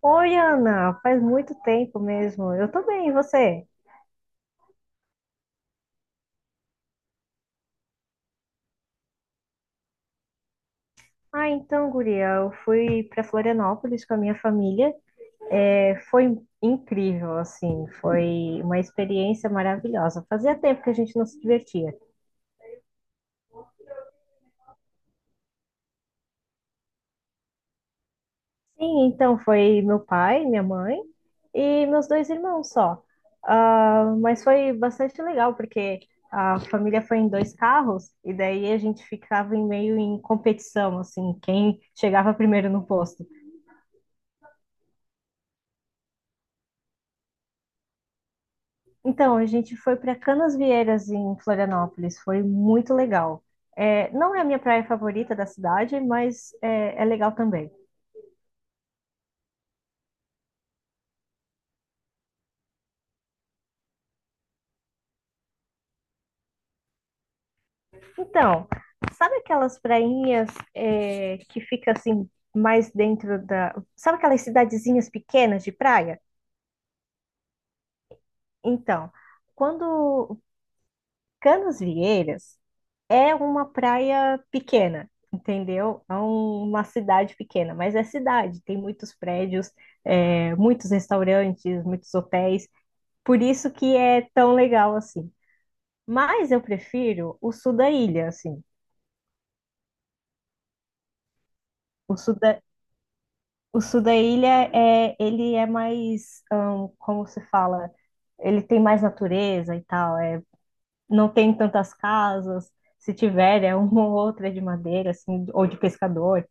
Oi, Ana, faz muito tempo mesmo. Eu tô bem, e você? Ah, então, guria, eu fui para Florianópolis com a minha família. É, foi incrível, assim, foi uma experiência maravilhosa. Fazia tempo que a gente não se divertia. Sim, então foi meu pai, minha mãe e meus dois irmãos só. Ah, mas foi bastante legal, porque a família foi em dois carros e daí a gente ficava em meio em competição, assim, quem chegava primeiro no posto. Então, a gente foi para Canasvieiras, em Florianópolis. Foi muito legal. É, não é a minha praia favorita da cidade, mas é legal também. Então, sabe aquelas prainhas que fica assim mais dentro da... Sabe aquelas cidadezinhas pequenas de praia? Então, quando Canasvieiras é uma praia pequena, entendeu? É uma cidade pequena, mas é cidade, tem muitos prédios, muitos restaurantes, muitos hotéis, por isso que é tão legal assim. Mas eu prefiro o sul da ilha, assim. O sul da, o sul da ilha ele é mais, como se fala, ele tem mais natureza e tal, não tem tantas casas. Se tiver, é uma ou outra de madeira, assim, ou de pescador.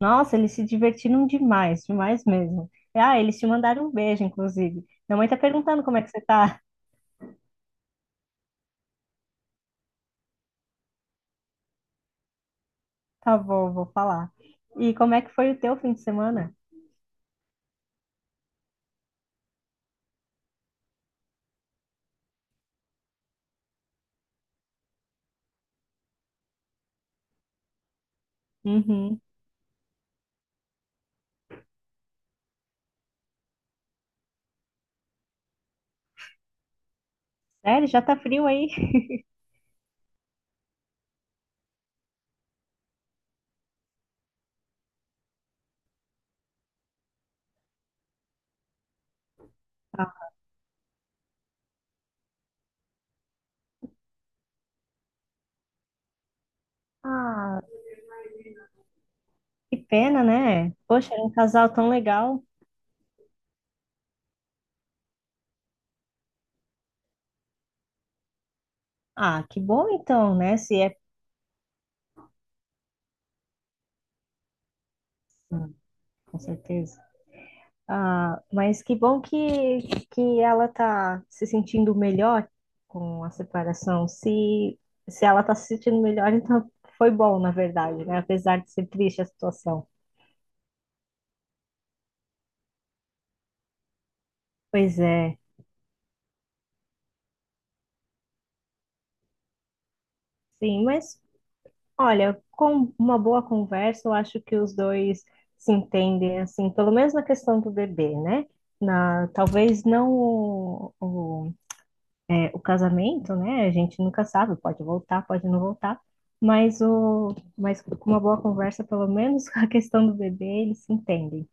Nossa, eles se divertiram demais, demais mesmo. Ah, eles te mandaram um beijo, inclusive. Minha mãe tá perguntando como é que você tá. Tá bom, vou falar. E como é que foi o teu fim de semana? Uhum. Sério, já tá frio aí? Ah, que pena, né? Poxa, era um casal tão legal. Ah, que bom então, né? Se é. Hum, Com certeza. Ah, mas que bom que ela tá se sentindo melhor com a separação. Se ela tá se sentindo melhor, então foi bom, na verdade, né? Apesar de ser triste a situação. Pois é, sim, mas olha, com uma boa conversa, eu acho que os dois se entendem, assim, pelo menos na questão do bebê, né? Talvez não o, é, o casamento, né? A gente nunca sabe, pode voltar, pode não voltar, mas com uma boa conversa, pelo menos com a questão do bebê, eles se entendem.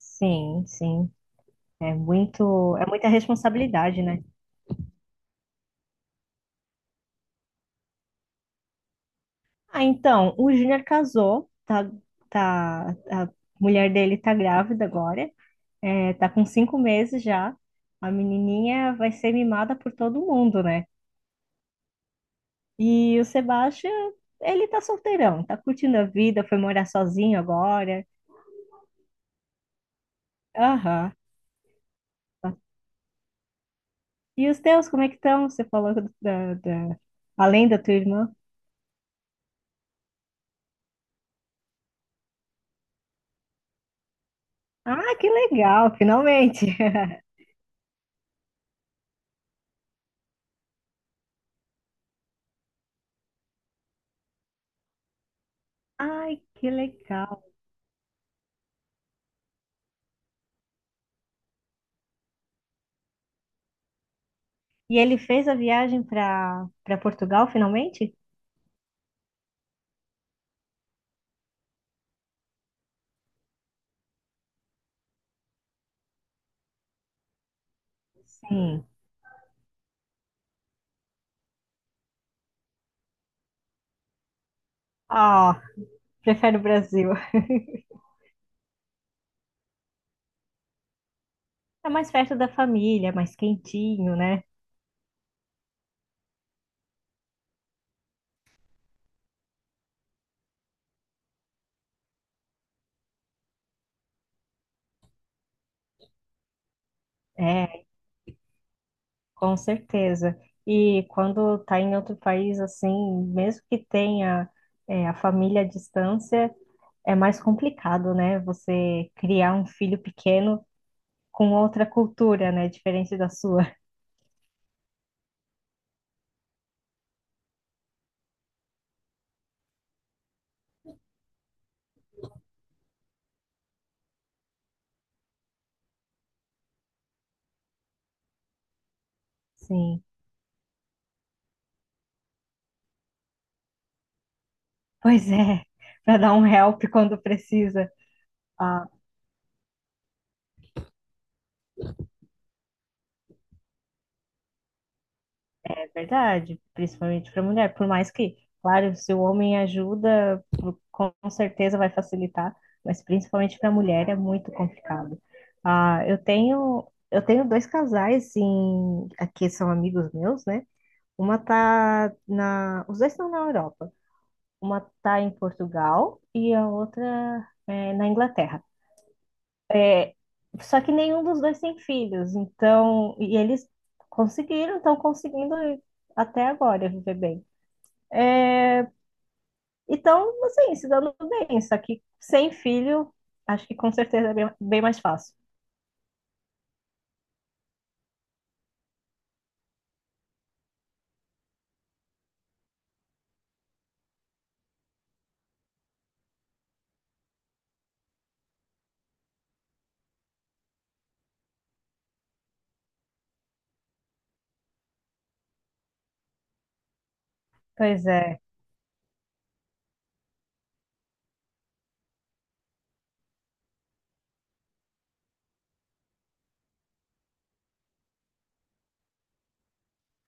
Sim, sim, é muita responsabilidade, né? Ah, então, o Júnior casou, tá, a mulher dele tá grávida agora, tá com 5 meses já. A menininha vai ser mimada por todo mundo, né? E o Sebastião, ele tá solteirão, tá curtindo a vida, foi morar sozinho agora. Aham. E os teus, como é que estão? Você falou da, da... Além da tua irmã. Ah, que legal, finalmente. Ai, que legal. E ele fez a viagem para Portugal, finalmente? Sim. Ah, prefere o Brasil. É mais perto da família, é mais quentinho, né? É, com certeza. E quando tá em outro país, assim, mesmo que tenha, a família à distância, é mais complicado, né? Você criar um filho pequeno com outra cultura, né? Diferente da sua. Sim. Pois é, para dar um help quando precisa. Ah, é verdade, principalmente para mulher. Por mais que, claro, se o homem ajuda, com certeza vai facilitar, mas principalmente para mulher é muito complicado. Ah, eu tenho dois casais aqui são amigos meus, né? Uma tá os dois estão na Europa. Uma tá em Portugal e a outra na Inglaterra. Só que nenhum dos dois tem filhos, então, e eles estão conseguindo até agora viver bem. Então, assim, se dando bem, só que sem filho, acho que com certeza é bem, bem mais fácil. Pois é,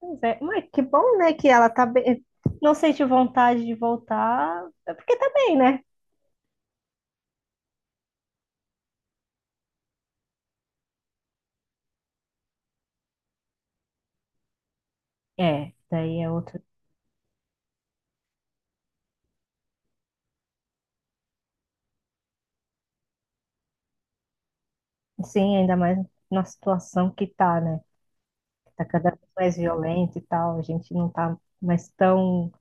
pois é. Mas que bom, né, que ela tá bem, não sente vontade de voltar, é porque tá bem, né? É, daí é outro. Sim, ainda mais na situação que tá, né? Tá cada vez mais violenta e tal, a gente não tá mais tão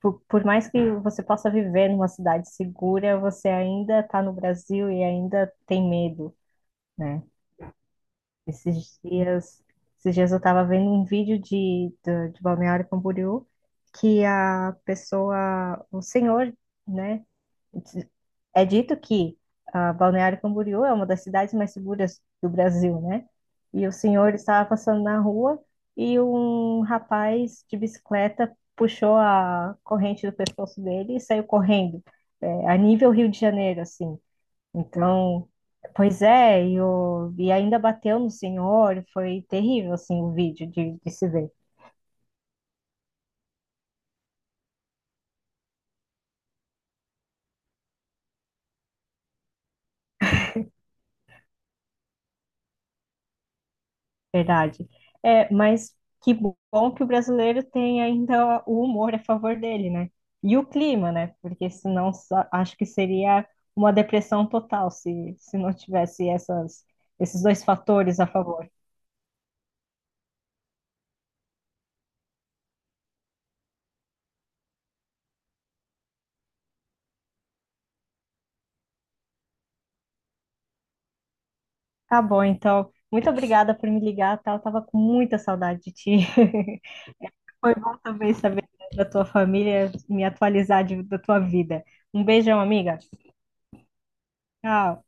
por mais que você possa viver numa cidade segura, você ainda está no Brasil e ainda tem medo, né? Esses dias, esses dias, eu estava vendo um vídeo de Balneário Camboriú que a pessoa, o senhor, né? É dito que ah, Balneário Camboriú é uma das cidades mais seguras do Brasil, né? E o senhor estava passando na rua e um rapaz de bicicleta puxou a corrente do pescoço dele e saiu correndo, a nível Rio de Janeiro, assim. Então, pois é, e ainda bateu no senhor, foi terrível, assim, o vídeo de se ver. Verdade. É, mas que bom que o brasileiro tem ainda o humor a favor dele, né? E o clima, né? Porque senão acho que seria uma depressão total se não tivesse esses dois fatores a favor. Tá bom, então. Muito obrigada por me ligar, tá? Eu tava com muita saudade de ti. Foi bom também saber da tua família, me atualizar da tua vida. Um beijão, amiga. Tchau.